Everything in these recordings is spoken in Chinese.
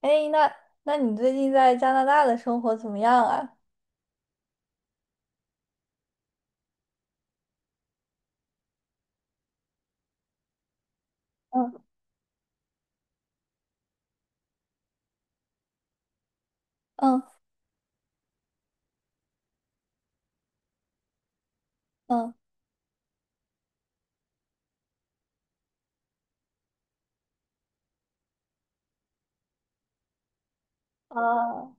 哎，那你最近在加拿大的生活怎么样啊？嗯嗯嗯。啊。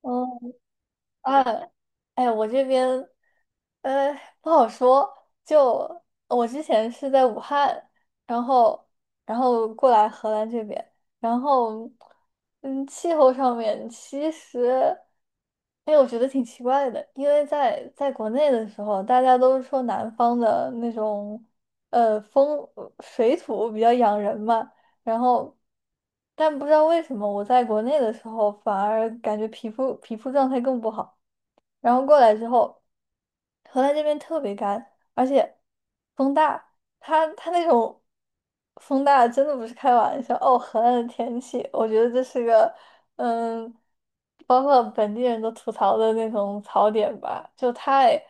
哦。啊。哎，我这边呃，不好说。就我之前是在武汉，然后然后过来荷兰这边，然后气候上面其实，哎，我觉得挺奇怪的，因为在国内的时候，大家都是说南方的那种呃风呃水土比较养人嘛，然后但不知道为什么我在国内的时候反而感觉皮肤状态更不好。然后过来之后，荷兰这边特别干，而且风大，它那种风大真的不是开玩笑哦。荷兰的天气，我觉得这是个嗯，包括本地人都吐槽的那种槽点吧，就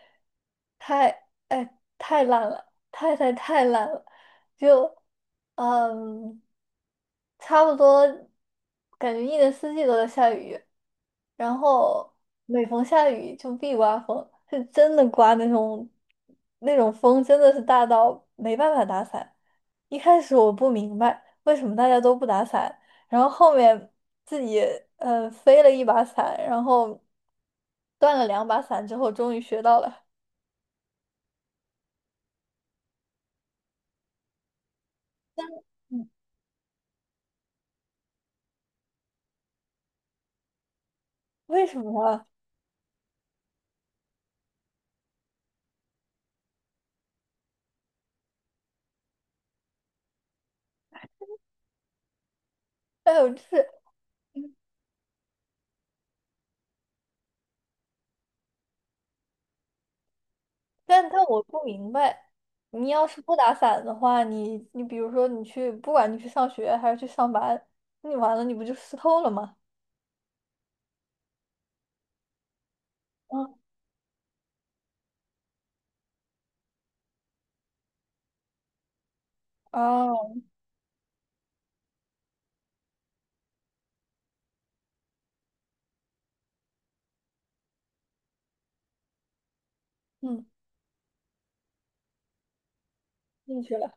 太哎，太烂了，太太太烂了，就嗯。差不多，感觉一年四季都在下雨，然后每逢下雨就必刮风，是真的刮那种风，真的是大到没办法打伞。一开始我不明白为什么大家都不打伞，然后后面自己飞了一把伞，然后断了两把伞之后，终于学到了。嗯，为什么啊？哎呦，就是但我不明白，你要是不打伞的话，你比如说你去，不管你去上学还是去上班，你完了你不就湿透了吗？嗯。哦。嗯。进去了。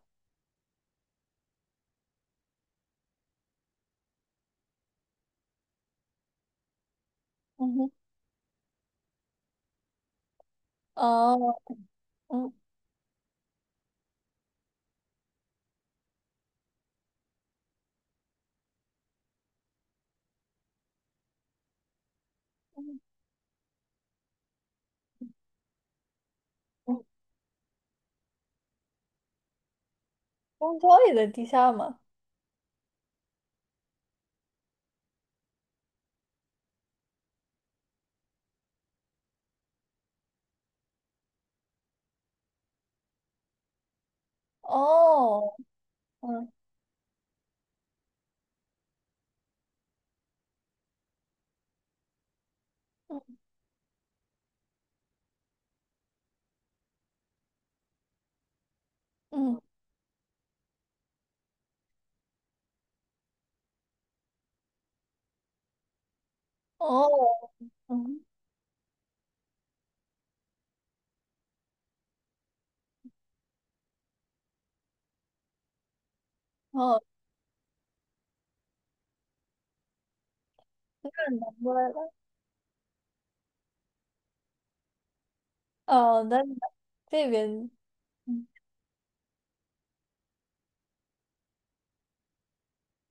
嗯哼。哦。嗯嗯嗯。公交也在地下吗？哦。嗯嗯嗯。哦。嗯。哦，那难怪了。哦，那这边。嗯。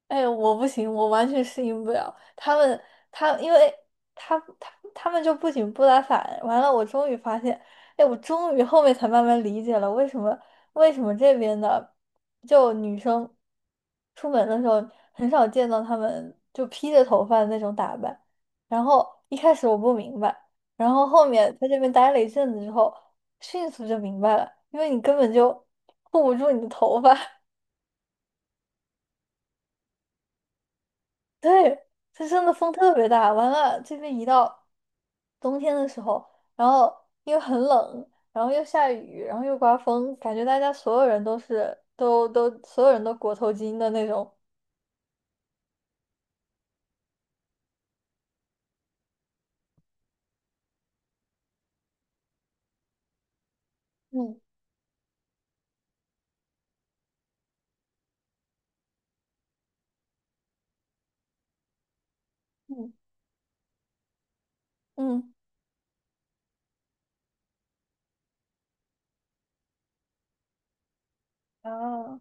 哎，我不行，我完全适应不了他们。因为他们就不仅不打伞，完了，我终于发现，哎，我终于后面才慢慢理解了为什么这边的就女生出门的时候很少见到他们就披着头发的那种打扮。然后一开始我不明白，然后后面在这边待了一阵子之后，迅速就明白了，因为你根本就护不住你的头发。对，这真的风特别大。完了，这边一到冬天的时候，然后又很冷，然后又下雨，然后又刮风，感觉大家所有人都裹头巾的那种。嗯嗯嗯。啊。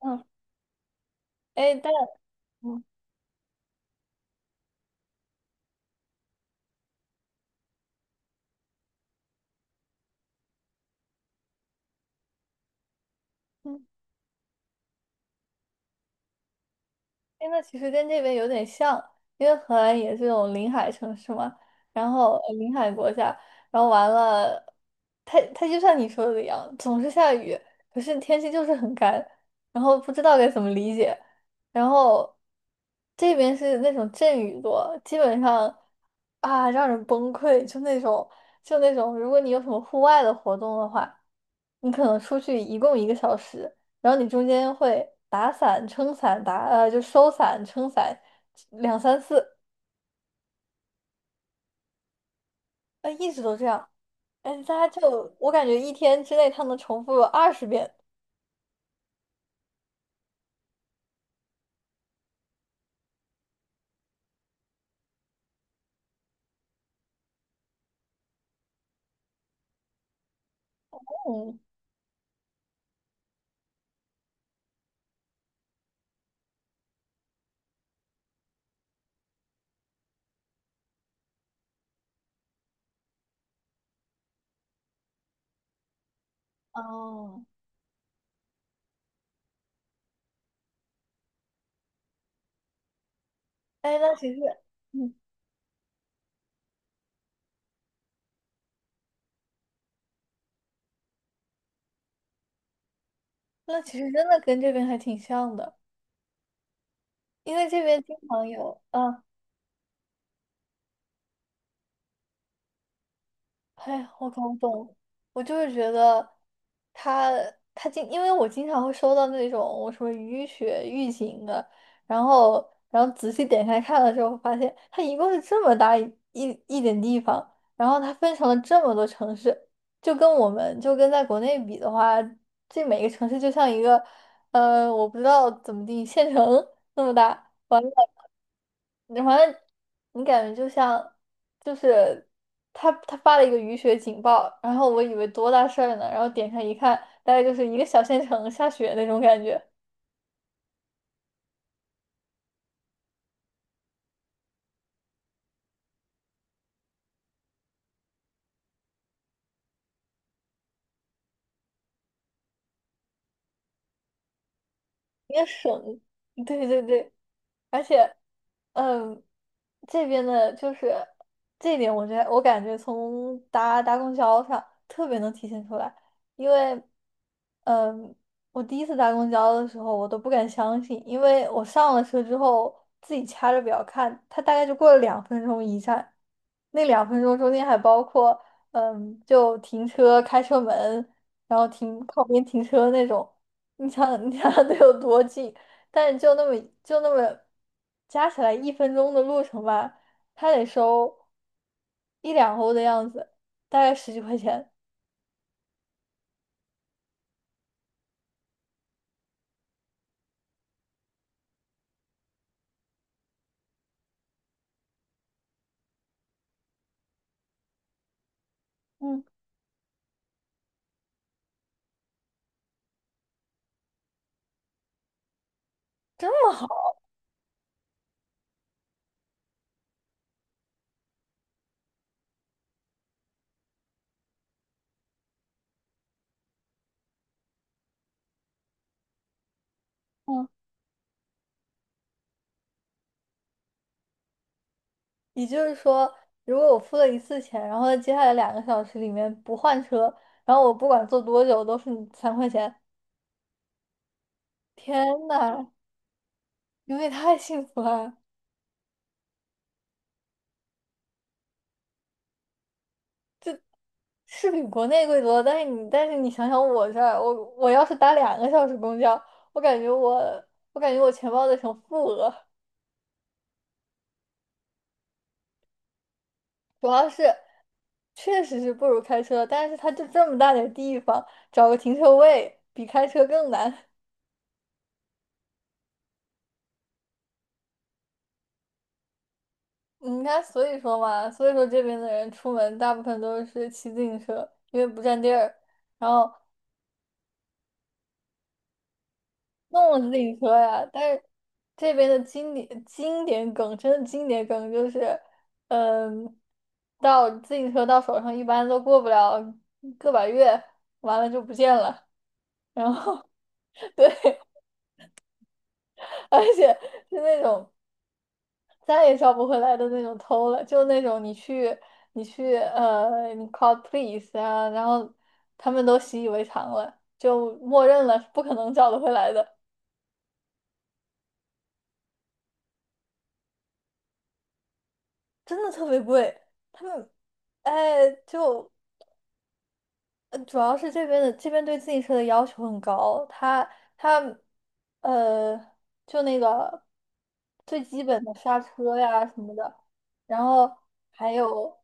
嗯，哎，但嗯嗯。哎，那其实跟这边有点像，因为荷兰也是这种临海城市嘛，然后临海国家，然后完了，它就像你说的一样，总是下雨，可是天气就是很干，然后不知道该怎么理解。然后这边是那种阵雨多，基本上啊让人崩溃，就那种，如果你有什么户外的活动的话。你可能出去一共1个小时，然后你中间会打伞、撑伞、就收伞、撑伞，两三次，一直都这样。哎，大家就我感觉一天之内他能重复20遍。嗯。哦。哎，那其实，嗯，真的跟这边还挺像的，因为这边经常有，啊。哎，我搞不懂，我就是觉得他他经，因为我经常会收到那种我什么雨雪预警的，然后仔细点开看了之后，发现它一共是这么大一点地方，然后它分成了这么多城市，就跟在国内比的话，这每个城市就像一个我不知道怎么定县城 那么大，完了。你好像你感觉就像，就是他发了一个雨雪警报，然后我以为多大事儿呢，然后点开一看，大概就是一个小县城下雪那种感觉，也省，对对对，而且，嗯，这边的就是这一点，我觉得我感觉从搭搭公交上特别能体现出来，因为，嗯，我第一次搭公交的时候，我都不敢相信，因为我上了车之后自己掐着表看，它大概就过了两分钟一站，那两分钟中间还包括，就停车、开车门，然后停靠边停车那种。你想想，你想想得有多近？但是就那么就那么加起来1分钟的路程吧，他得收一两欧的样子，大概十几块钱。嗯，这么好。嗯也就是说，如果我付了一次钱，然后接下来两个小时里面不换车，然后我不管坐多久都是3块钱。天呐，你们也太幸福了！是比国内贵多，但是你想想我这儿，我要是打两个小时公交，我感觉我钱包得成负额，主要是确实是不如开车，但是它就这么大点儿地方，找个停车位比开车更难。嗯你看，所以说嘛，所以说这边的人出门大部分都是骑自行车，因为不占地儿。然后弄了自行车呀，但是这边的经典梗，真的经典梗就是，嗯，到自行车到手上一般都过不了个把月，完了就不见了。然后 对，而且是那种再也找不回来的那种偷了，就那种你 call police 啊，然后他们都习以为常了，就默认了是不可能找得回来的，真的特别贵。他们哎，主要是这边对自行车的要求很高，它它呃，就那个最基本的刹车呀什么的，然后还有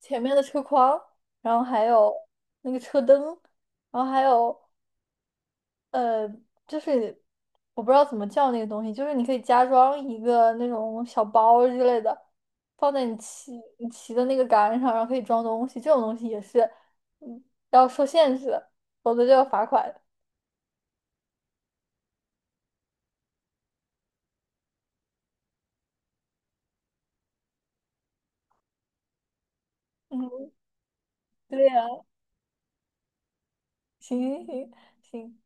前面的车筐，然后还有那个车灯，然后还有呃，就是我不知道怎么叫那个东西，就是你可以加装一个那种小包之类的，放在你骑的那个杆上，然后可以装东西。这种东西也是，嗯，要受限制，否则就要罚款。嗯，对呀、行行行。行